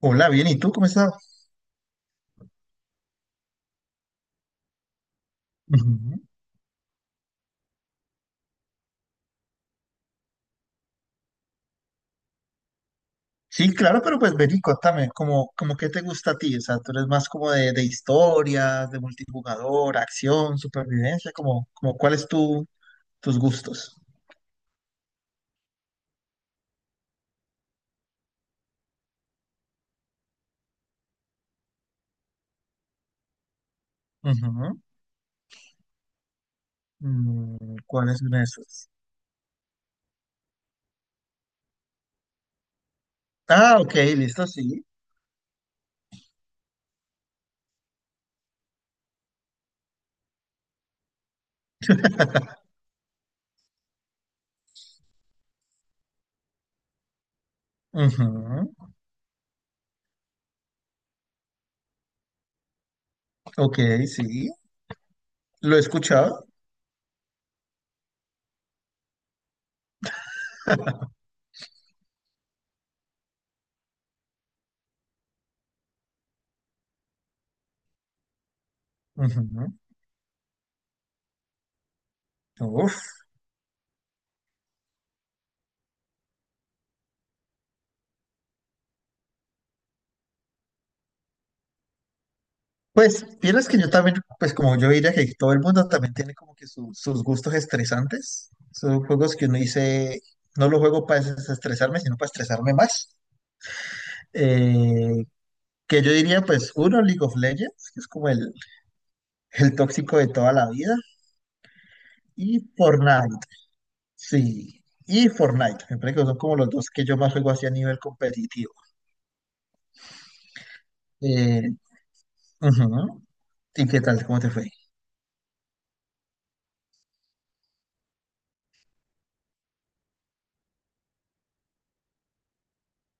Hola, bien, ¿y tú cómo estás? Ujú. Sí, claro, pero pues vení, contame, como qué te gusta a ti, o sea, tú eres más como de historias, de multijugador, acción, supervivencia, como cuáles tus gustos. Ujú. Mm, ¿Cuáles son esos? Ah, ok, listo, sí. Ujú. Ok, sí, lo he escuchado. Ujú. Uf. Pues, vieras que yo también, pues como yo diría que todo el mundo también tiene como que sus gustos estresantes. Son juegos que uno dice, no los juego para desestresarme, sino para estresarme más. Eh, que yo diría, pues, uno, League of Legends, que es como el tóxico de toda la vida, y Fortnite, sí, y Fortnite, me parece que son como los dos que yo más juego así a nivel competitivo. Eh, ujú. ¿Y qué tal? ¿Cómo te fue?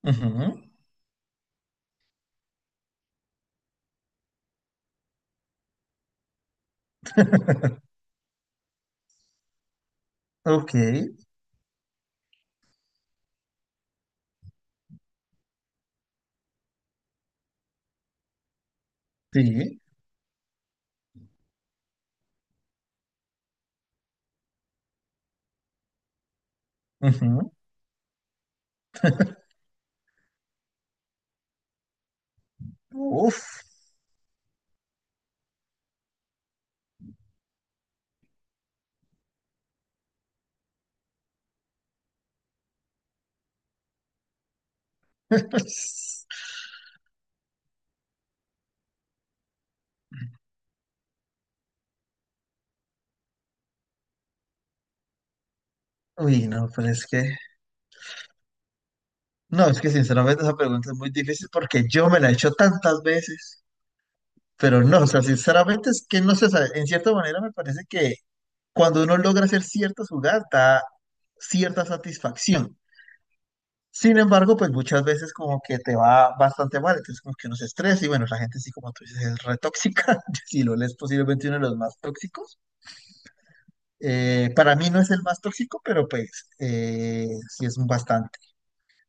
Ujú. Ok, sí. Ujú. Uf. Pues, uy, no, pues es que, no, es que sinceramente esa pregunta es muy difícil porque yo me la he hecho tantas veces, pero no, o sea, sinceramente es que no se sabe, en cierta manera me parece que cuando uno logra hacer ciertas jugadas da cierta satisfacción. Sin embargo, pues muchas veces como que te va bastante mal, entonces como que uno se estresa y bueno, la gente sí, como tú dices, es re tóxica, si lo lees posiblemente uno de los más tóxicos. Para mí no es el más tóxico, pero pues sí es bastante.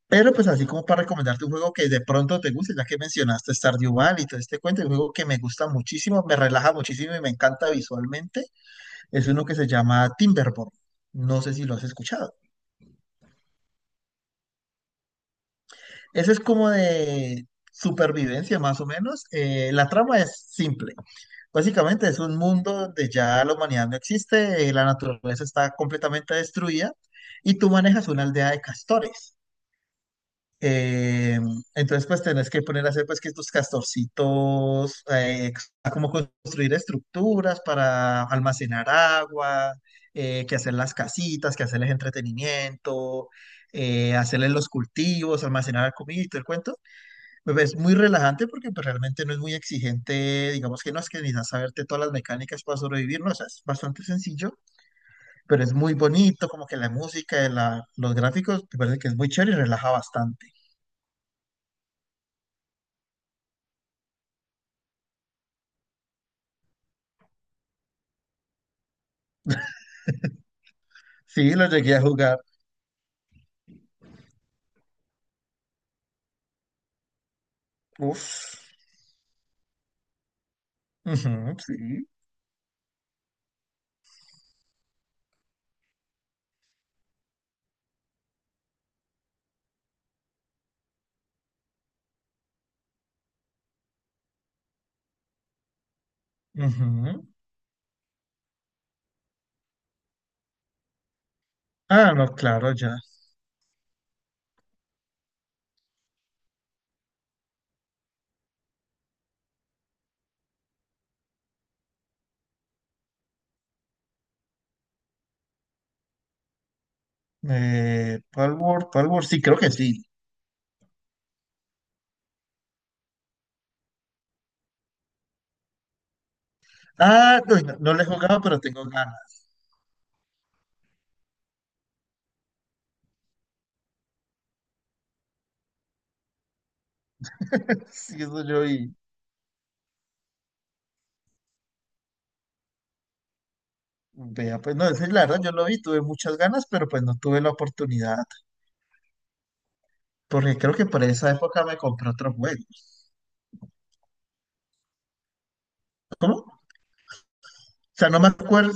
Pero pues así como para recomendarte un juego que de pronto te guste, ya que mencionaste Stardew Valley y todo este cuento, un juego que me gusta muchísimo, me relaja muchísimo y me encanta visualmente, es uno que se llama Timberborn. No sé si lo has escuchado. Ese es como de supervivencia más o menos. La trama es simple. Básicamente es un mundo donde ya la humanidad no existe, la naturaleza está completamente destruida y tú manejas una aldea de castores. Eh, entonces, pues tenés que poner a hacer pues que tus castorcitos, a cómo construir estructuras para almacenar agua, que hacer las casitas, que hacerles entretenimiento, hacerles los cultivos, almacenar la comida y todo el cuento. Pues, es muy relajante porque pues, realmente no es muy exigente, digamos que no es que necesitas saberte todas las mecánicas para sobrevivir, no, o sea, es bastante sencillo, pero es muy bonito, como que la música, la, los gráficos, me parece que es muy chévere y relaja bastante. Sí, lo llegué a jugar. Uf. Ujú, sí. Ujú. Ah, no, claro, ya. Palworld, Palworld, sí, creo que sí. Ah, no, no, no le he jugado, pero tengo ganas. Sí, eso yo y vea, pues no, ese, la verdad yo lo vi, tuve muchas ganas, pero pues no tuve la oportunidad, porque creo que por esa época me compré otro juego. ¿Cómo? O sea, no me acuerdo.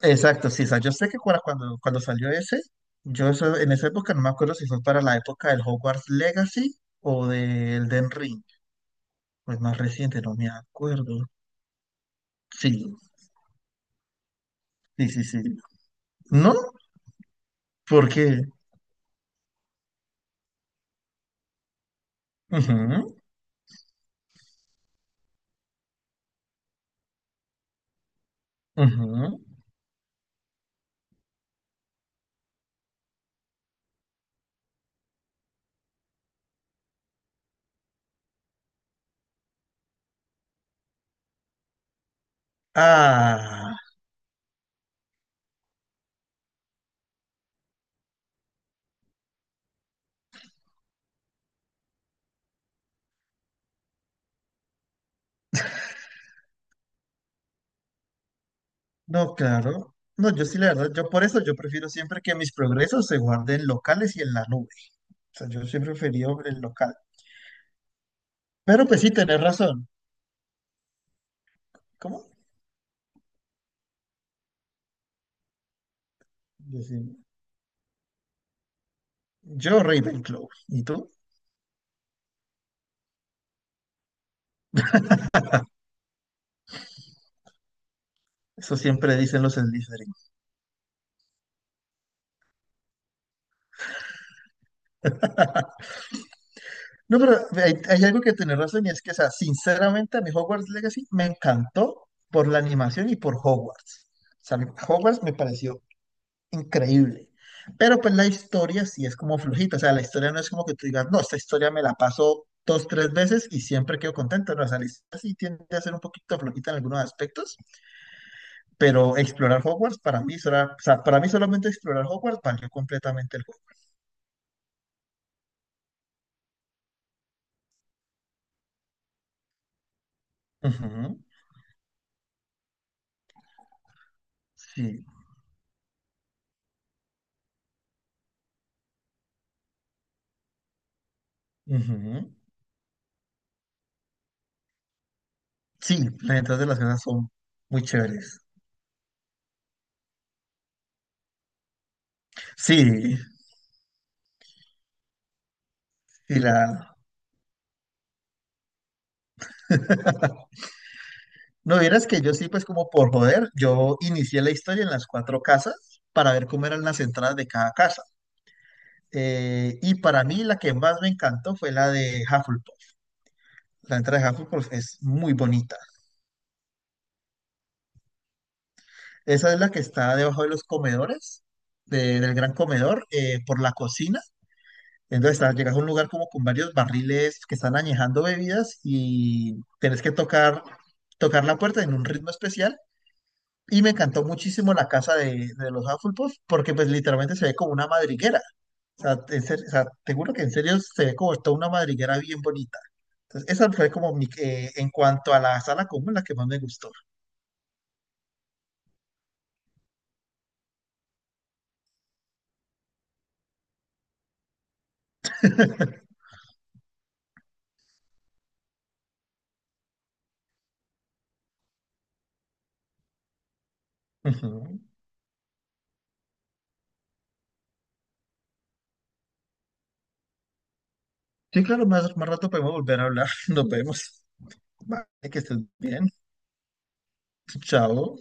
Exacto, sí, o sea, yo sé que cuando salió ese, yo en esa época no me acuerdo si fue para la época del Hogwarts Legacy o del Den Ring, pues más reciente, no me acuerdo. Sí, sí, sí, sí. ¿No? Porque ujú, ujú. Ah, no, claro. No, yo sí, la verdad, yo por eso yo prefiero siempre que mis progresos se guarden locales y en la nube. O sea, yo siempre preferí el local. Pero pues sí, tenés razón. ¿Cómo? Decime. Yo Ravenclaw. ¿Y tú? Eso siempre dicen los Slytherin. No, pero hay algo que tener razón y es que, o sea, sinceramente a mi Hogwarts Legacy me encantó por la animación y por Hogwarts. O sea, Hogwarts me pareció increíble. Pero pues la historia sí es como flojita. O sea, la historia no es como que tú digas, no, esta historia me la paso dos, tres veces y siempre quedo contento. No, o sea, la historia sí tiende a ser un poquito flojita en algunos aspectos, pero explorar Hogwarts para mí, o sea, para mí solamente explorar Hogwarts valió completamente el juego. Ujú, sí. Ujú. Sí, las entradas de las casas son muy chéveres. Sí, y la... No vieras que yo sí, pues como por joder, yo inicié la historia en las cuatro casas para ver cómo eran las entradas de cada casa. Y para mí la que más me encantó fue la de Hufflepuff. La entrada de Hufflepuff es muy bonita. Esa es la que está debajo de los comedores, del gran comedor, por la cocina. Entonces, ah, llegas a un lugar como con varios barriles que están añejando bebidas y tenés que tocar, tocar la puerta en un ritmo especial. Y me encantó muchísimo la casa de, los Hufflepuff porque pues literalmente se ve como una madriguera. O sea, en o sea, te juro que en serio se ve como toda una madriguera bien bonita. Entonces, esa fue como mi, en cuanto a la sala común, la que más me gustó. Ujú. Sí, claro, más rato podemos volver a hablar. Nos vemos. Vale, que estés bien. Chao.